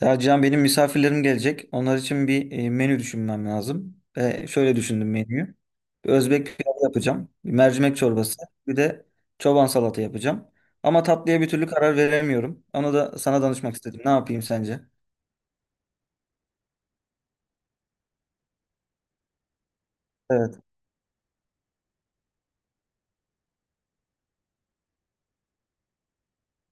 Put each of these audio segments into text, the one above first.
Ya Can benim misafirlerim gelecek. Onlar için bir menü düşünmem lazım. Ve şöyle düşündüm menüyü. Bir Özbek pilavı yapacağım. Bir mercimek çorbası. Bir de çoban salata yapacağım. Ama tatlıya bir türlü karar veremiyorum. Onu da sana danışmak istedim. Ne yapayım sence? Evet.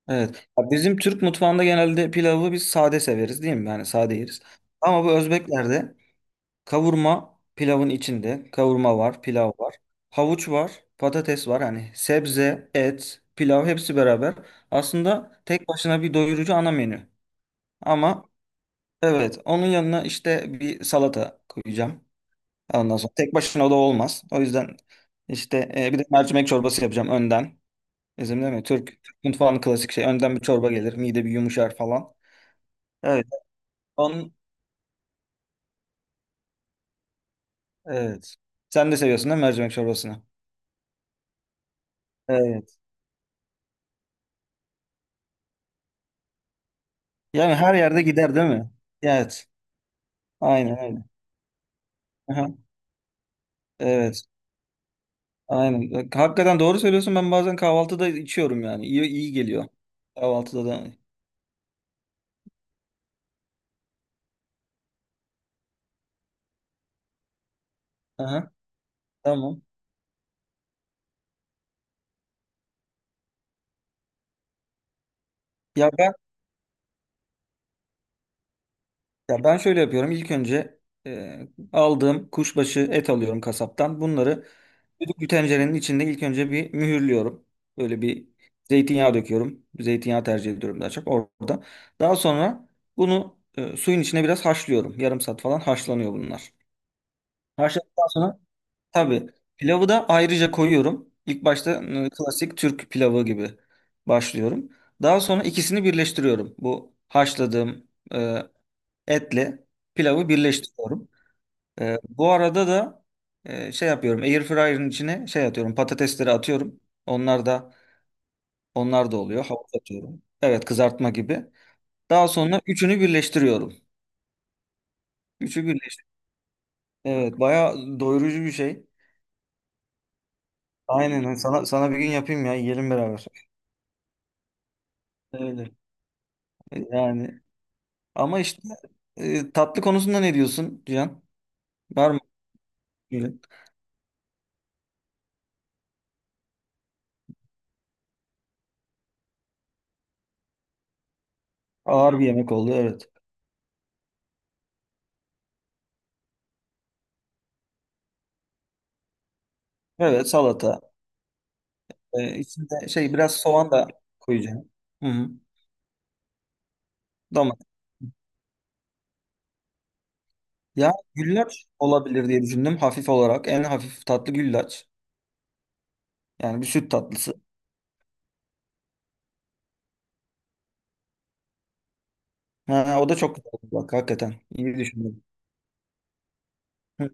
Evet. Ya bizim Türk mutfağında genelde pilavı biz sade severiz değil mi? Yani sade yeriz. Ama bu Özbeklerde kavurma pilavın içinde. Kavurma var, pilav var. Havuç var, patates var. Hani sebze, et, pilav hepsi beraber. Aslında tek başına bir doyurucu ana menü. Ama evet onun yanına işte bir salata koyacağım. Ondan sonra tek başına o da olmaz. O yüzden işte bir de mercimek çorbası yapacağım önden. Bizim değil mi? Türk mutfağının klasik şey. Önden bir çorba gelir. Mide bir yumuşar falan. Evet. Onun, evet. Sen de seviyorsun değil mi mercimek çorbasını? Evet. Yani her yerde gider değil mi? Evet. Aynen öyle. Aha, evet. Aynen. Bak, hakikaten doğru söylüyorsun. Ben bazen kahvaltıda içiyorum yani. İyi, iyi geliyor. Kahvaltıda da. Aha, tamam. Ya ben ya ben şöyle yapıyorum. İlk önce e, aldığım kuşbaşı et alıyorum kasaptan. Bunları düdüklü bir tencerenin içinde ilk önce bir mühürlüyorum. Böyle bir zeytinyağı döküyorum. Zeytinyağı tercih ediyorum daha çok orada. Daha sonra bunu suyun içine biraz haşlıyorum. Yarım saat falan haşlanıyor bunlar. Haşladıktan sonra tabii pilavı da ayrıca koyuyorum. İlk başta klasik Türk pilavı gibi başlıyorum. Daha sonra ikisini birleştiriyorum. Bu haşladığım e, etle pilavı birleştiriyorum. Bu arada da şey yapıyorum. Air fryer'ın içine şey atıyorum. Patatesleri atıyorum. Onlar da onlar da oluyor. Havuç atıyorum. Evet kızartma gibi. Daha sonra üçünü birleştiriyorum. Üçü birleştir. Evet bayağı doyurucu bir şey. Aynen sana bir gün yapayım ya yiyelim beraber. Öyle. Yani ama işte tatlı konusunda ne diyorsun Cihan? Var mı? Böyle ağır bir yemek oldu evet. Evet salata. E, içinde şey biraz soğan da koyacağım. Hı hı. Domates. Ya güllaç olabilir diye düşündüm hafif olarak. En hafif tatlı güllaç. Yani bir süt tatlısı. Ha, o da çok güzel olur bak hakikaten. İyi düşündüm. Hı.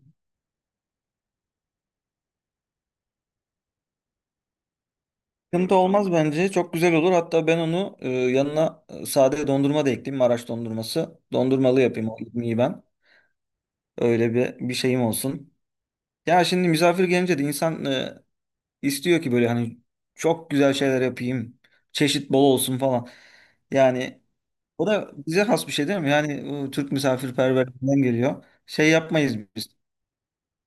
Sıkıntı olmaz bence. Çok güzel olur. Hatta ben onu yanına sade dondurma da ekleyeyim. Maraş dondurması. Dondurmalı yapayım. Onu iyi ben. Öyle bir şeyim olsun. Ya şimdi misafir gelince de insan istiyor ki böyle hani çok güzel şeyler yapayım. Çeşit bol olsun falan. Yani o da bize has bir şey değil mi? Yani bu Türk misafirperverliğinden geliyor. Şey yapmayız biz.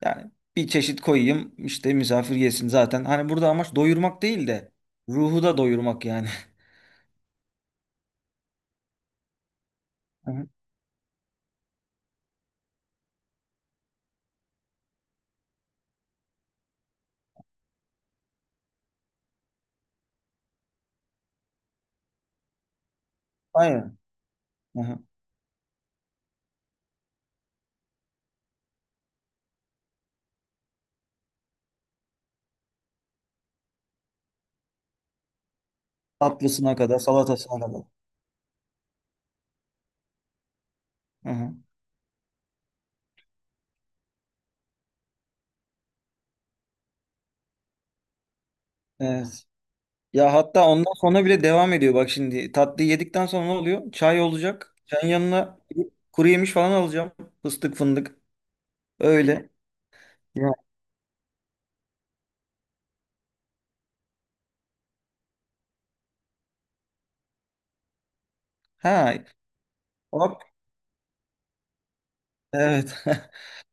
Yani bir çeşit koyayım işte misafir yesin zaten. Hani burada amaç doyurmak değil de ruhu da doyurmak yani. Hı hı. Aynen. Hı hı. Tatlısına kadar, salatasına kadar. Hı hı. Evet. Ya hatta ondan sonra bile devam ediyor. Bak şimdi tatlıyı yedikten sonra ne oluyor? Çay olacak. Çayın yanına kuru yemiş falan alacağım. Fıstık fındık. Öyle. Ya. Ha. Bak. Evet.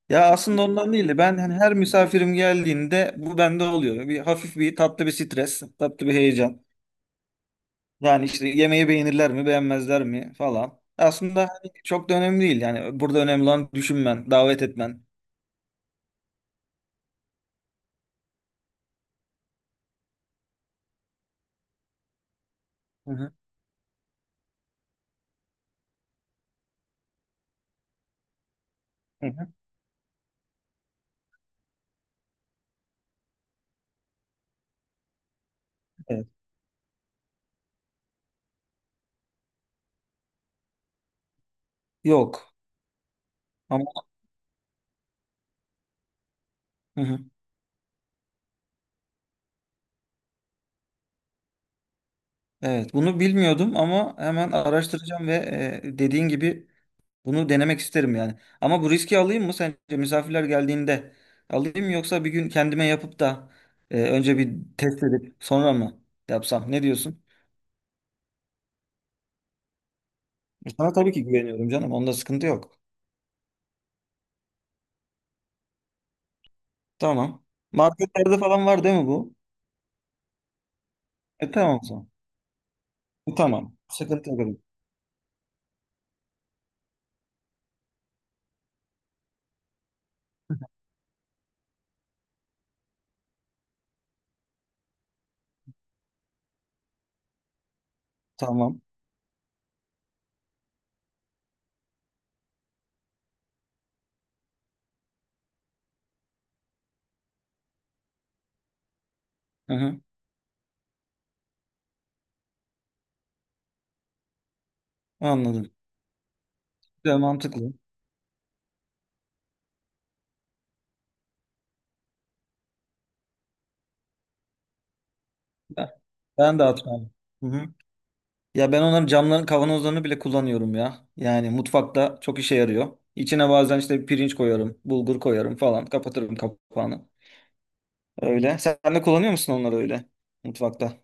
Ya aslında ondan değil de ben hani her misafirim geldiğinde bu bende oluyor. Bir hafif bir tatlı bir stres, tatlı bir heyecan. Yani işte yemeği beğenirler mi, beğenmezler mi falan. Aslında hani çok da önemli değil. Yani burada önemli olan düşünmen, davet etmen. Hı hı. Hı hı. Evet. Yok. Ama hı hı. Evet, bunu bilmiyordum ama hemen araştıracağım ve dediğin gibi bunu denemek isterim yani. Ama bu riski alayım mı sence misafirler geldiğinde alayım yoksa bir gün kendime yapıp da önce bir test edip sonra mı yapsam? Ne diyorsun? Sana tabii ki güveniyorum canım. Onda sıkıntı yok. Tamam. Marketlerde falan var değil mi bu? E tamam o zaman. E, tamam. Sıkıntı yok. Tamam. Hı hı. Anladım. Güzel, mantıklı. Ben ben de atmam. Hı hı. Ya ben onların camların kavanozlarını bile kullanıyorum ya. Yani mutfakta çok işe yarıyor. İçine bazen işte pirinç koyarım, bulgur koyarım falan. Kapatırım kapağını. Öyle. Sen de kullanıyor musun onları öyle mutfakta?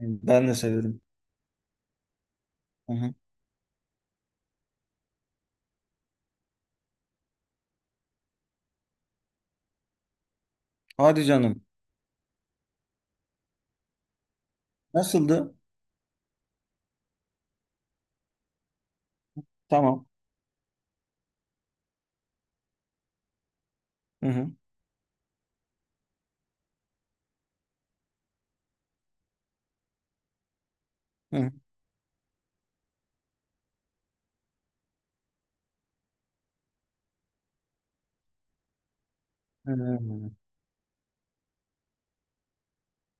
Ben de severim. Hı hı. Hadi canım. Nasıldı? Tamam. Hı hı. Hı hı. Hı.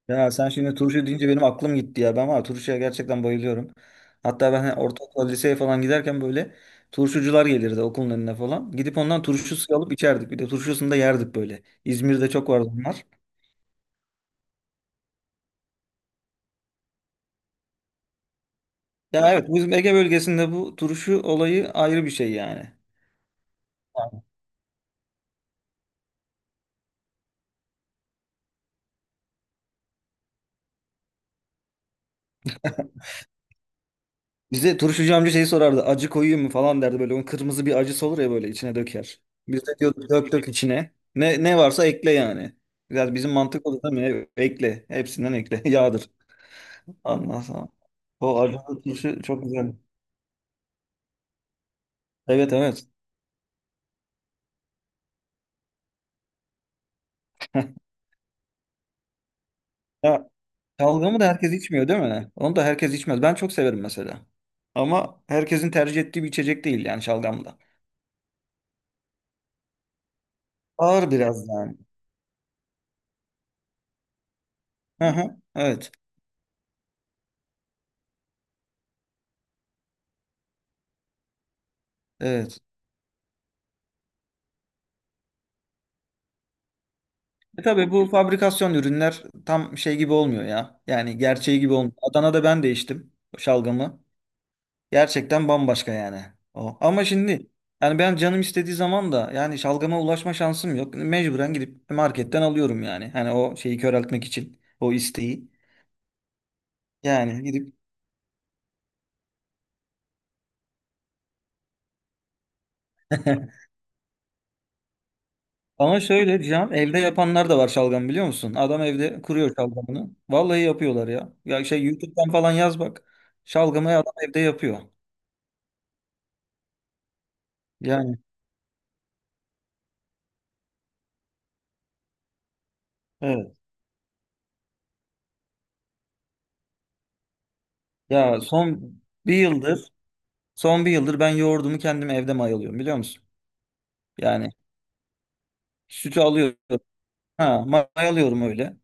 Ya sen şimdi turşu deyince benim aklım gitti ya. Ben var ya turşuya gerçekten bayılıyorum. Hatta ben hani ortaokul, liseye falan giderken böyle turşucular gelirdi okulun önüne falan. Gidip ondan turşu suyu alıp içerdik. Bir de turşusunu da yerdik böyle. İzmir'de çok vardı bunlar. Ya evet bizim Ege bölgesinde bu turşu olayı ayrı bir şey yani. Bize turşucu amca şeyi sorardı. Acı koyayım mı falan derdi böyle. Onun kırmızı bir acısı olur ya böyle içine döker. Biz de diyorduk dök dök içine. Ne, ne varsa ekle yani. Biraz bizim mantık olur değil mi? Ekle. Hepsinden ekle. Yağdır. Anlasam. O acılı turşu çok güzel. Evet evet. Ya şalgamı da herkes içmiyor değil mi? Onu da herkes içmez. Ben çok severim mesela. Ama herkesin tercih ettiği bir içecek değil yani şalgam da. Ağır biraz yani. Hı hı. Evet. Evet. E tabii bu fabrikasyon ürünler tam şey gibi olmuyor ya. Yani gerçeği gibi olmuyor. Adana'da ben de içtim şalgamı. Gerçekten bambaşka yani. O. Ama şimdi yani ben canım istediği zaman da yani şalgama ulaşma şansım yok. Mecburen gidip marketten alıyorum yani. Hani o şeyi köreltmek için o isteği. Yani gidip ama şöyle diyeceğim evde yapanlar da var şalgam biliyor musun? Adam evde kuruyor şalgamını. Vallahi yapıyorlar ya. Ya şey YouTube'dan falan yaz bak. Şalgamayı adam evde yapıyor. Yani evet. Ya son bir yıldır ben yoğurdumu kendim evde mayalıyorum biliyor musun? Yani sütü alıyorum. Ha, mayalıyorum öyle.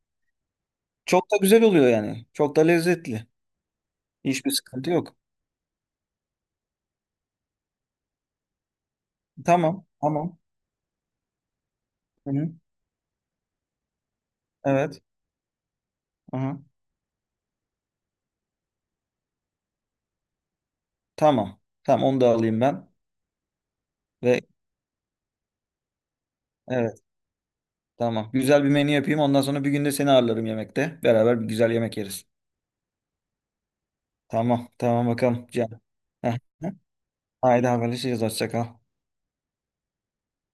Çok da güzel oluyor yani. Çok da lezzetli. Hiçbir sıkıntı yok. Tamam, tamam. Hı-hı. Evet. Aha. Tamam. Tamam onu da alayım ben. Ve evet, tamam. Güzel bir menü yapayım. Ondan sonra bir günde seni ağırlarım yemekte. Beraber bir güzel yemek yeriz. Tamam, tamam bakalım. Can. Heh, heh. Haydi haberleşeceğiz. Hoşça kal.